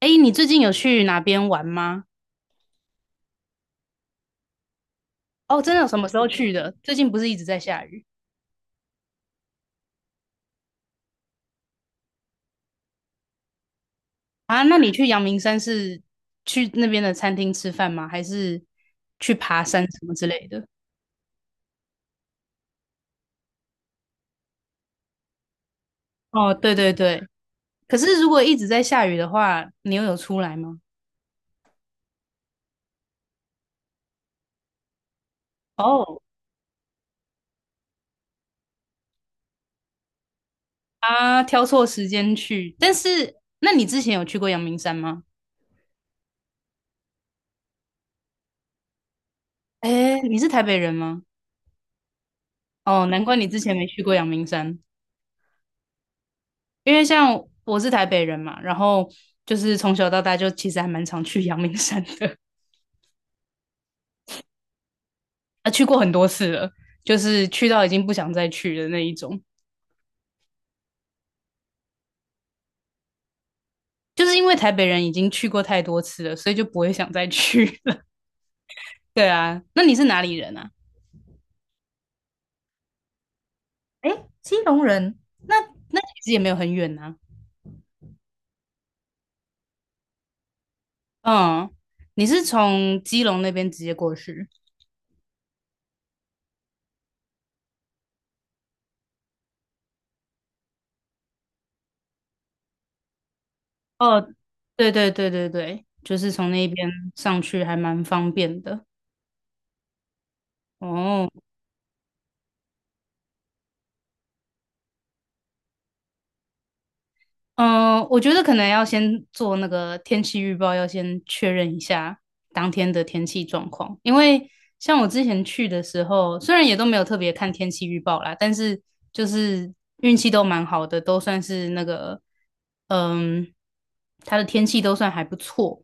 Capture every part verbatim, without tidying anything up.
哎，你最近有去哪边玩吗？哦，真的有什么时候去的？最近不是一直在下雨啊？那你去阳明山是去那边的餐厅吃饭吗？还是去爬山什么之类的？哦，对对对。可是如果一直在下雨的话，你又有出来吗？哦，啊，挑错时间去。但是，那你之前有去过阳明山吗？哎，你是台北人吗？哦，难怪你之前没去过阳明山。因为像我是台北人嘛，然后就是从小到大就其实还蛮常去阳明山的，啊，去过很多次了，就是去到已经不想再去的那一种。就是因为台北人已经去过太多次了，所以就不会想再去了。对啊，那你是哪里人啊？哎，基隆人，那那其实也没有很远啊。嗯，你是从基隆那边直接过去？哦，对对对对对，就是从那边上去还蛮方便的。哦，嗯，我觉得可能要先做那个天气预报，要先确认一下当天的天气状况。因为像我之前去的时候，虽然也都没有特别看天气预报啦，但是就是运气都蛮好的，都算是那个，嗯，它的天气都算还不错。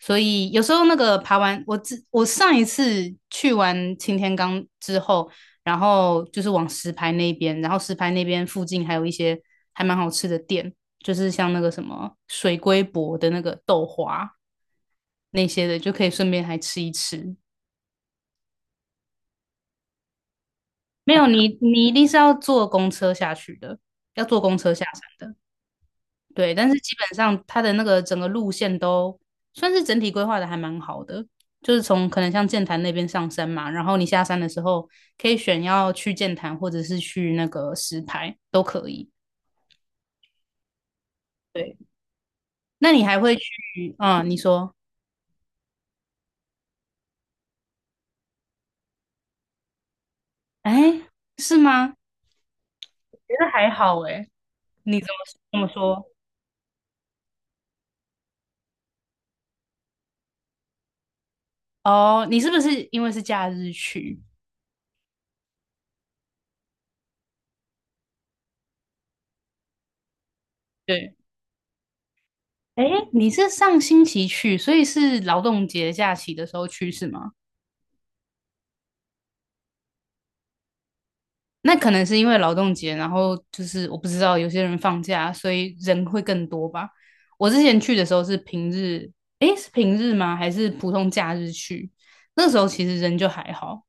所以有时候那个爬完，我之我上一次去完擎天岗之后，然后就是往石牌那边，然后石牌那边附近还有一些还蛮好吃的店，就是像那个什么水龟伯的那个豆花那些的，就可以顺便还吃一吃。没有你，你一定是要坐公车下去的，要坐公车下山的。对，但是基本上它的那个整个路线都算是整体规划的还蛮好的，就是从可能像剑潭那边上山嘛，然后你下山的时候可以选要去剑潭或者是去那个石牌都可以。对，那你还会去？嗯，你说，哎，是吗？觉得还好哎，你怎么怎么说？哦，你是不是因为是假日去？对，哎，你是上星期去，所以是劳动节假期的时候去是吗？那可能是因为劳动节，然后就是我不知道有些人放假，所以人会更多吧。我之前去的时候是平日，诶，是平日吗？还是普通假日去？那时候其实人就还好。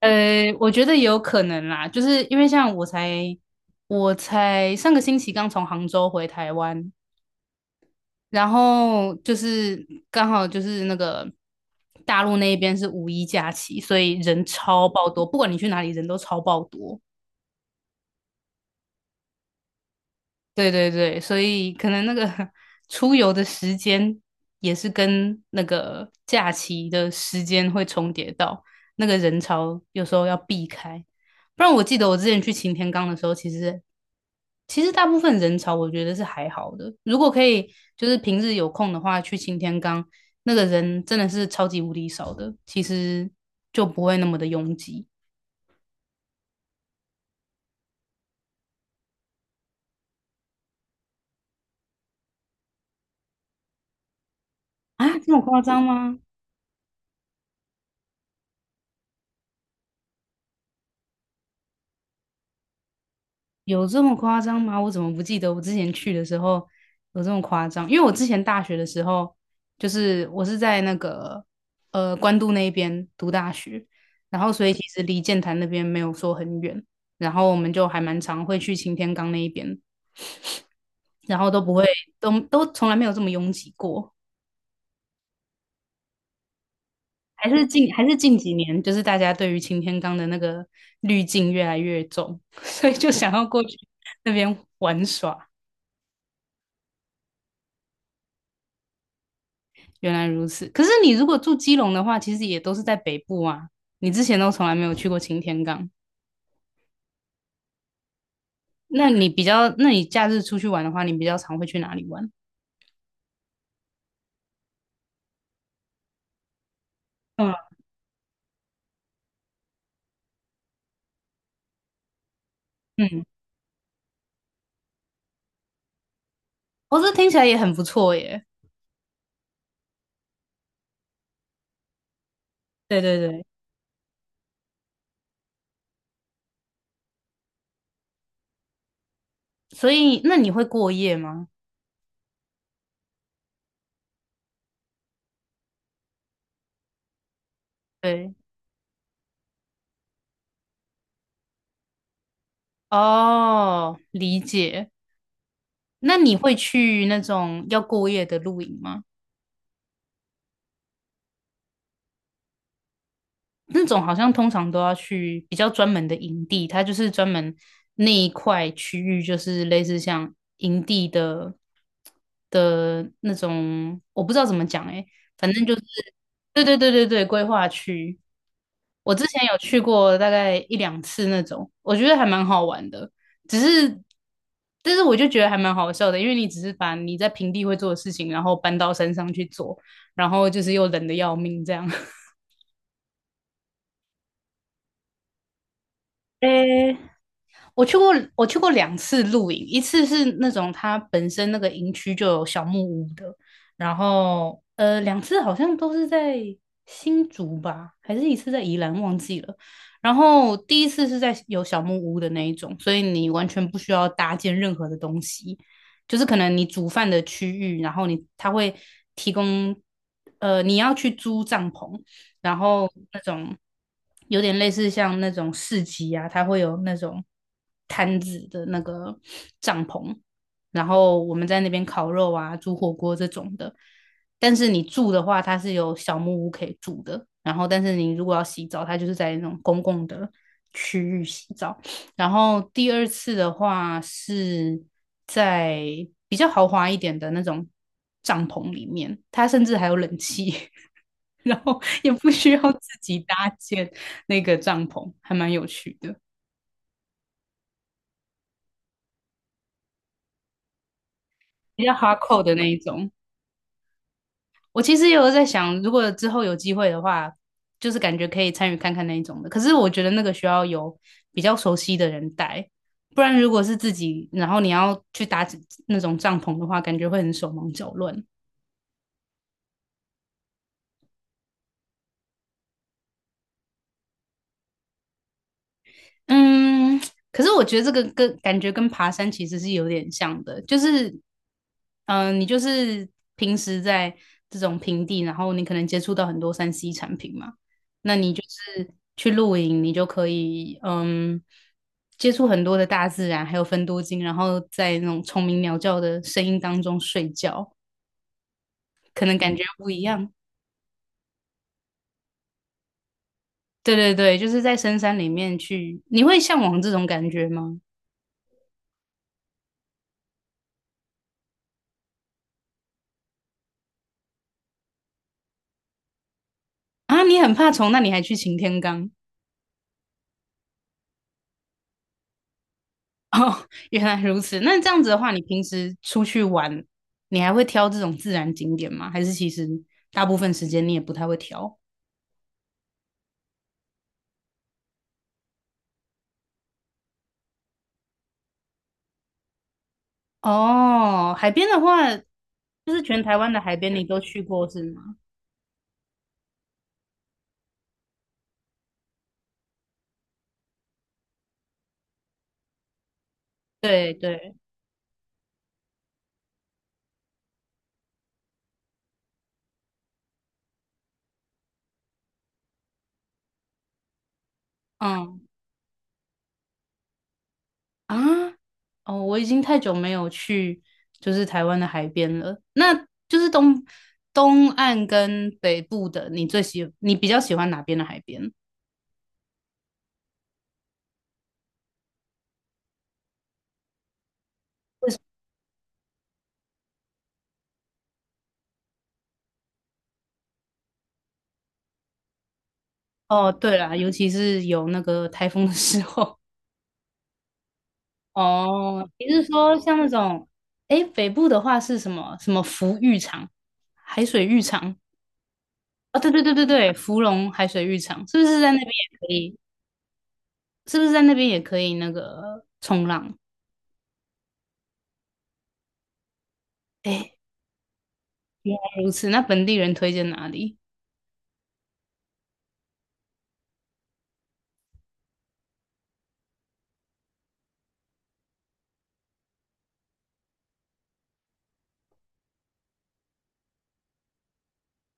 呃，我觉得也有可能啦，就是因为像我才我才上个星期刚从杭州回台湾，然后就是刚好就是那个大陆那一边是五一假期，所以人超爆多，不管你去哪里，人都超爆多。对对对，所以可能那个 出游的时间也是跟那个假期的时间会重叠到，那个人潮有时候要避开。不然我记得我之前去擎天岗的时候，其实其实大部分人潮我觉得是还好的。如果可以，就是平日有空的话去擎天岗，那个人真的是超级无敌少的，其实就不会那么的拥挤啊，这么夸张吗？有这么夸张吗？我怎么不记得我之前去的时候有这么夸张？因为我之前大学的时候，就是我是在那个呃关渡那边读大学，然后所以其实离剑潭那边没有说很远，然后我们就还蛮常会去擎天岗那一边，然后都不会都都从来没有这么拥挤过。还是近还是近几年，就是大家对于擎天岗的那个滤镜越来越重，所以就想要过去那边玩耍。原来如此。可是你如果住基隆的话，其实也都是在北部啊。你之前都从来没有去过擎天岗，那你比较，那你假日出去玩的话，你比较常会去哪里玩？嗯嗯，哦，这听起来也很不错耶。对对对，所以那你会过夜吗？对，哦，理解。那你会去那种要过夜的露营吗？那种好像通常都要去比较专门的营地，它就是专门那一块区域，就是类似像营地的的那种，我不知道怎么讲诶、反正就是对对对对对，规划区。我之前有去过大概一两次那种，我觉得还蛮好玩的。只是，但是我就觉得还蛮好笑的，因为你只是把你在平地会做的事情，然后搬到山上去做，然后就是又冷的要命这样。哎，我去过，我去过两次露营，一次是那种它本身那个营区就有小木屋的，然后呃，两次好像都是在新竹吧，还是一次在宜兰，忘记了。然后第一次是在有小木屋的那一种，所以你完全不需要搭建任何的东西，就是可能你煮饭的区域，然后你它会提供，呃，你要去租帐篷，然后那种有点类似像那种市集啊，它会有那种摊子的那个帐篷，然后我们在那边烤肉啊、煮火锅这种的。但是你住的话，它是有小木屋可以住的。然后，但是你如果要洗澡，它就是在那种公共的区域洗澡。然后第二次的话是在比较豪华一点的那种帐篷里面，它甚至还有冷气。然后也不需要自己搭建那个帐篷，还蛮有趣的，比较 hardcore 的那一种。我其实也有在想，如果之后有机会的话，就是感觉可以参与看看那一种的。可是我觉得那个需要有比较熟悉的人带，不然如果是自己，然后你要去搭那种帐篷的话，感觉会很手忙脚乱。嗯，可是我觉得这个跟感觉跟爬山其实是有点像的，就是，嗯、你就是平时在这种平地，然后你可能接触到很多三 C 产品嘛，那你就是去露营，你就可以嗯接触很多的大自然，还有分多金，然后在那种虫鸣鸟叫的声音当中睡觉，可能感觉不一样。对对对，就是在深山里面去，你会向往这种感觉吗？啊，你很怕虫，那你还去擎天岗？哦，原来如此。那这样子的话，你平时出去玩，你还会挑这种自然景点吗？还是其实大部分时间你也不太会挑？哦，海边的话，就是全台湾的海边你都去过是吗？对对，嗯啊，哦，我已经太久没有去就是台湾的海边了。那就是东东岸跟北部的，你最喜你比较喜欢哪边的海边？为什么哦，对啦，尤其是有那个台风的时候。哦，你是说像那种，哎，北部的话是什么什么福浴场、海水浴场？啊、对对对对对，芙蓉海水浴场是不是在那边也可以？是不是在那边也可以那个冲浪？哎，原来如此，那本地人推荐哪里？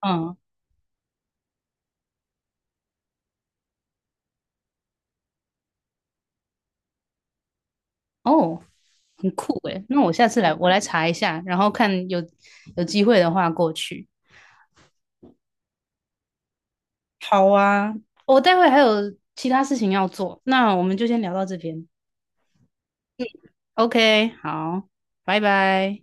嗯，哦，很酷诶，那我下次来，我来查一下，然后看有有机会的话过去。好啊，我待会还有其他事情要做，那我们就先聊到这边。O K，好，拜拜。